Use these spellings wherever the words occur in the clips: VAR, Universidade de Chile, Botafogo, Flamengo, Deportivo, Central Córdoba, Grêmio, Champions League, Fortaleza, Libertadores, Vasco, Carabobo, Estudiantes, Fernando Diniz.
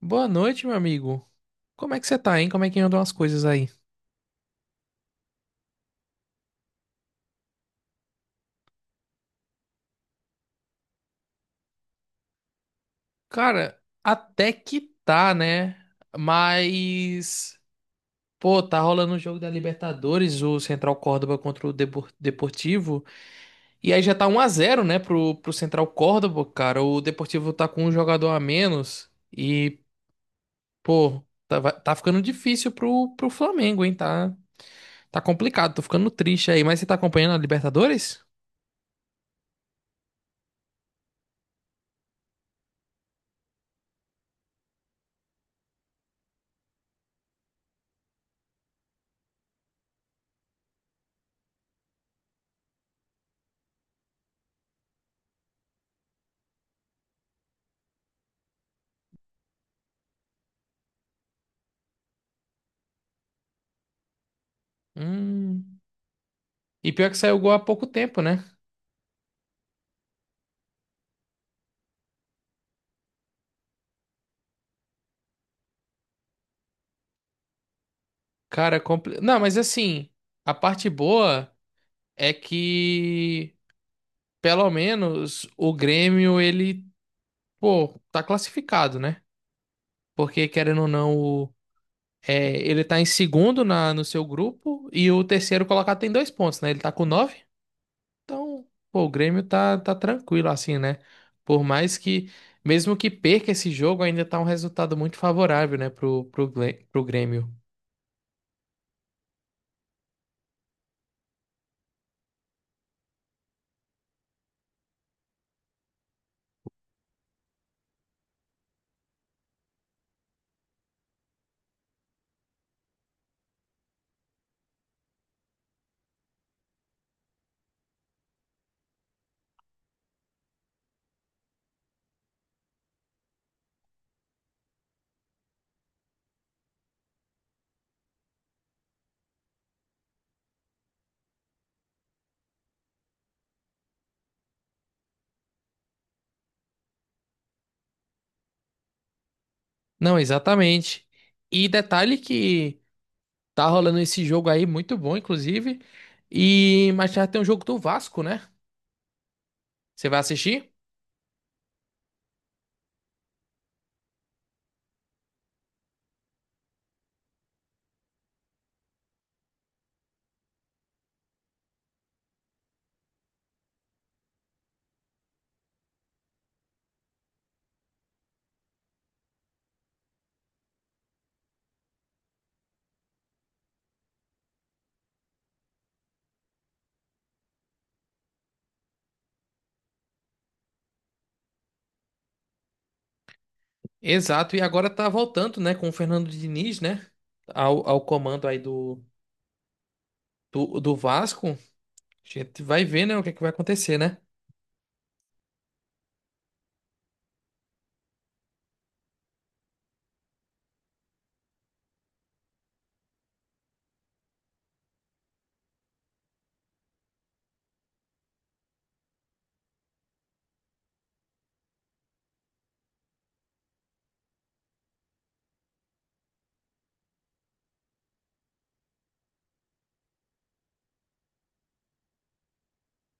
Boa noite, meu amigo. Como é que você tá, hein? Como é que andam as coisas aí? Cara, até que tá, né? Mas, tá rolando o jogo da Libertadores, o Central Córdoba contra o Deportivo. E aí já tá um a zero, né, pro Central Córdoba, cara. O Deportivo tá com um jogador a menos. Pô, tá ficando difícil pro Flamengo, hein? Tá, tá complicado, tô ficando triste aí. Mas você tá acompanhando a Libertadores? Hum. E pior que saiu o gol há pouco tempo, né? Cara, é não, mas assim, a parte boa é que pelo menos o Grêmio, pô, tá classificado, né? Porque querendo ou não, ele tá em segundo no seu grupo e o terceiro colocado tem dois pontos, né? Ele tá com nove, então, pô, o Grêmio tá tranquilo assim, né? Por mais que, Mesmo que perca esse jogo, ainda tá um resultado muito favorável, né, pro Grêmio. Não, exatamente. E detalhe que tá rolando esse jogo aí, muito bom, inclusive. E mais tarde tem um jogo do Vasco, né? Você vai assistir? Exato, e agora tá voltando, né, com o Fernando Diniz, né? Ao comando aí do Vasco. A gente vai ver, né, o que é que vai acontecer, né?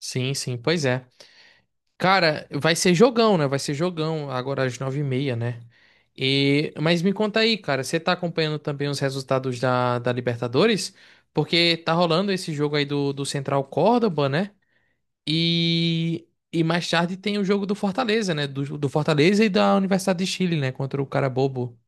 Sim, sim, pois é. Cara, vai ser jogão, né? Vai ser jogão agora às nove e meia, né? E mas me conta aí, cara, você tá acompanhando também os resultados da Libertadores? Porque tá rolando esse jogo aí do Central Córdoba, né? E mais tarde tem o jogo do Fortaleza, né? Do Fortaleza e da Universidade de Chile, né? Contra o Carabobo.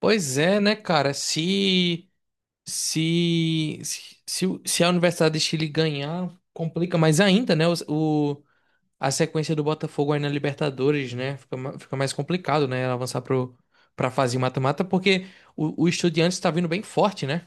Pois é, né, cara? Se a Universidade de Chile ganhar, complica mais ainda, né? A sequência do Botafogo aí na Libertadores, né? Fica mais complicado, né? Avançar pra fase mata-mata, porque o Estudiantes tá vindo bem forte, né?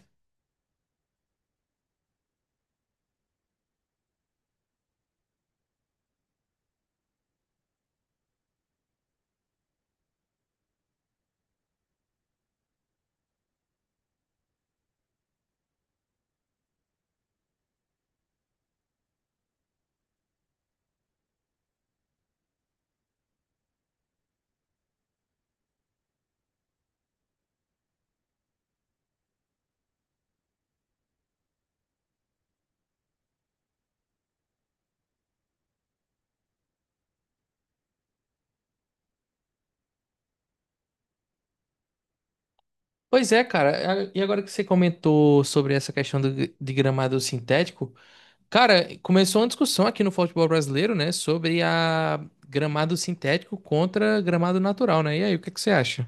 Pois é, cara. E agora que você comentou sobre essa questão do, de gramado sintético. Cara, começou uma discussão aqui no futebol brasileiro, né, sobre a gramado sintético contra gramado natural, né? E aí, o que é que você acha?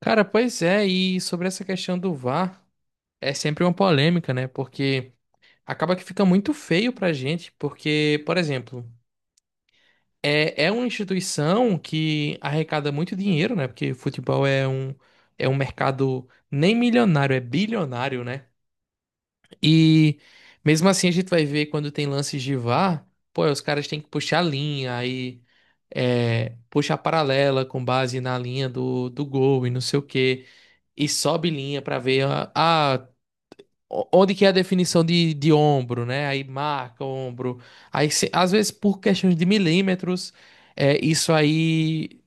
Cara, pois é, e sobre essa questão do VAR, é sempre uma polêmica, né? Porque acaba que fica muito feio pra gente, porque, por exemplo, é, é uma instituição que arrecada muito dinheiro, né? Porque futebol é um mercado nem milionário, é bilionário, né? E mesmo assim a gente vai ver quando tem lances de VAR, pô, os caras têm que puxar a linha, aí é, puxa a paralela com base na linha do gol e não sei o quê, e sobe linha pra ver onde que é a definição de ombro, né? Aí marca o ombro. Aí se- Às vezes por questões de milímetros, é, isso aí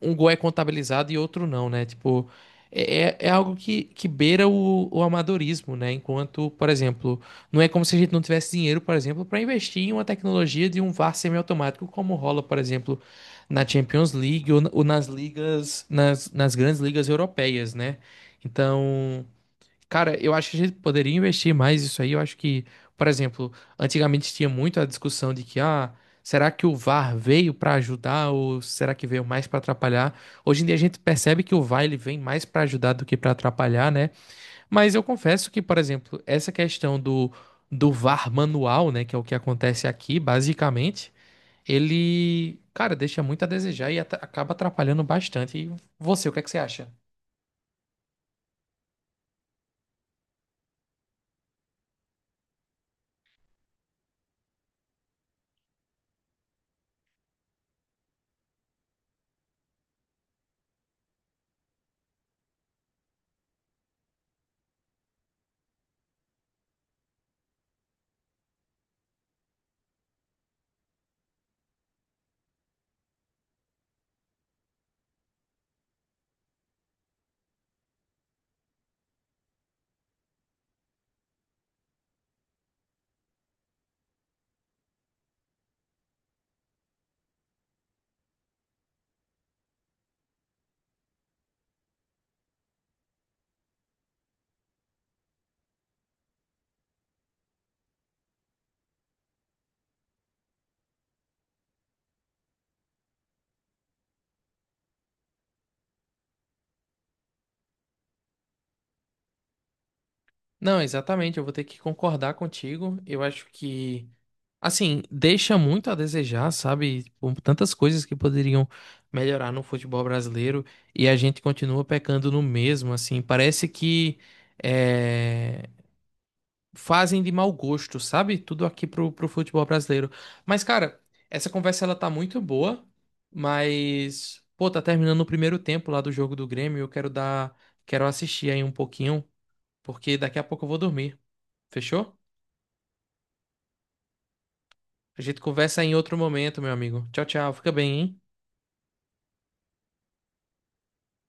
um gol é contabilizado e outro não, né? Tipo, é algo que beira o amadorismo, né? Enquanto, por exemplo, não é como se a gente não tivesse dinheiro, por exemplo, para investir em uma tecnologia de um VAR semiautomático, como rola, por exemplo, na Champions League ou nas ligas, nas grandes ligas europeias, né? Então, cara, eu acho que a gente poderia investir mais isso aí. Eu acho que, por exemplo, antigamente tinha muito a discussão de que, ah, será que o VAR veio para ajudar ou será que veio mais para atrapalhar? Hoje em dia a gente percebe que o VAR ele vem mais para ajudar do que para atrapalhar, né? Mas eu confesso que, por exemplo, essa questão do VAR manual, né, que é o que acontece aqui, basicamente, ele, cara, deixa muito a desejar e acaba atrapalhando bastante. E você, o que é que você acha? Não, exatamente, eu vou ter que concordar contigo. Eu acho que, assim, deixa muito a desejar, sabe? Tipo, tantas coisas que poderiam melhorar no futebol brasileiro e a gente continua pecando no mesmo, assim. Parece que é, fazem de mau gosto, sabe? Tudo aqui pro futebol brasileiro. Mas, cara, essa conversa ela tá muito boa, mas, pô, tá terminando o primeiro tempo lá do jogo do Grêmio. Eu quero dar, quero assistir aí um pouquinho, porque daqui a pouco eu vou dormir. Fechou? A gente conversa em outro momento, meu amigo. Tchau, tchau. Fica bem, hein?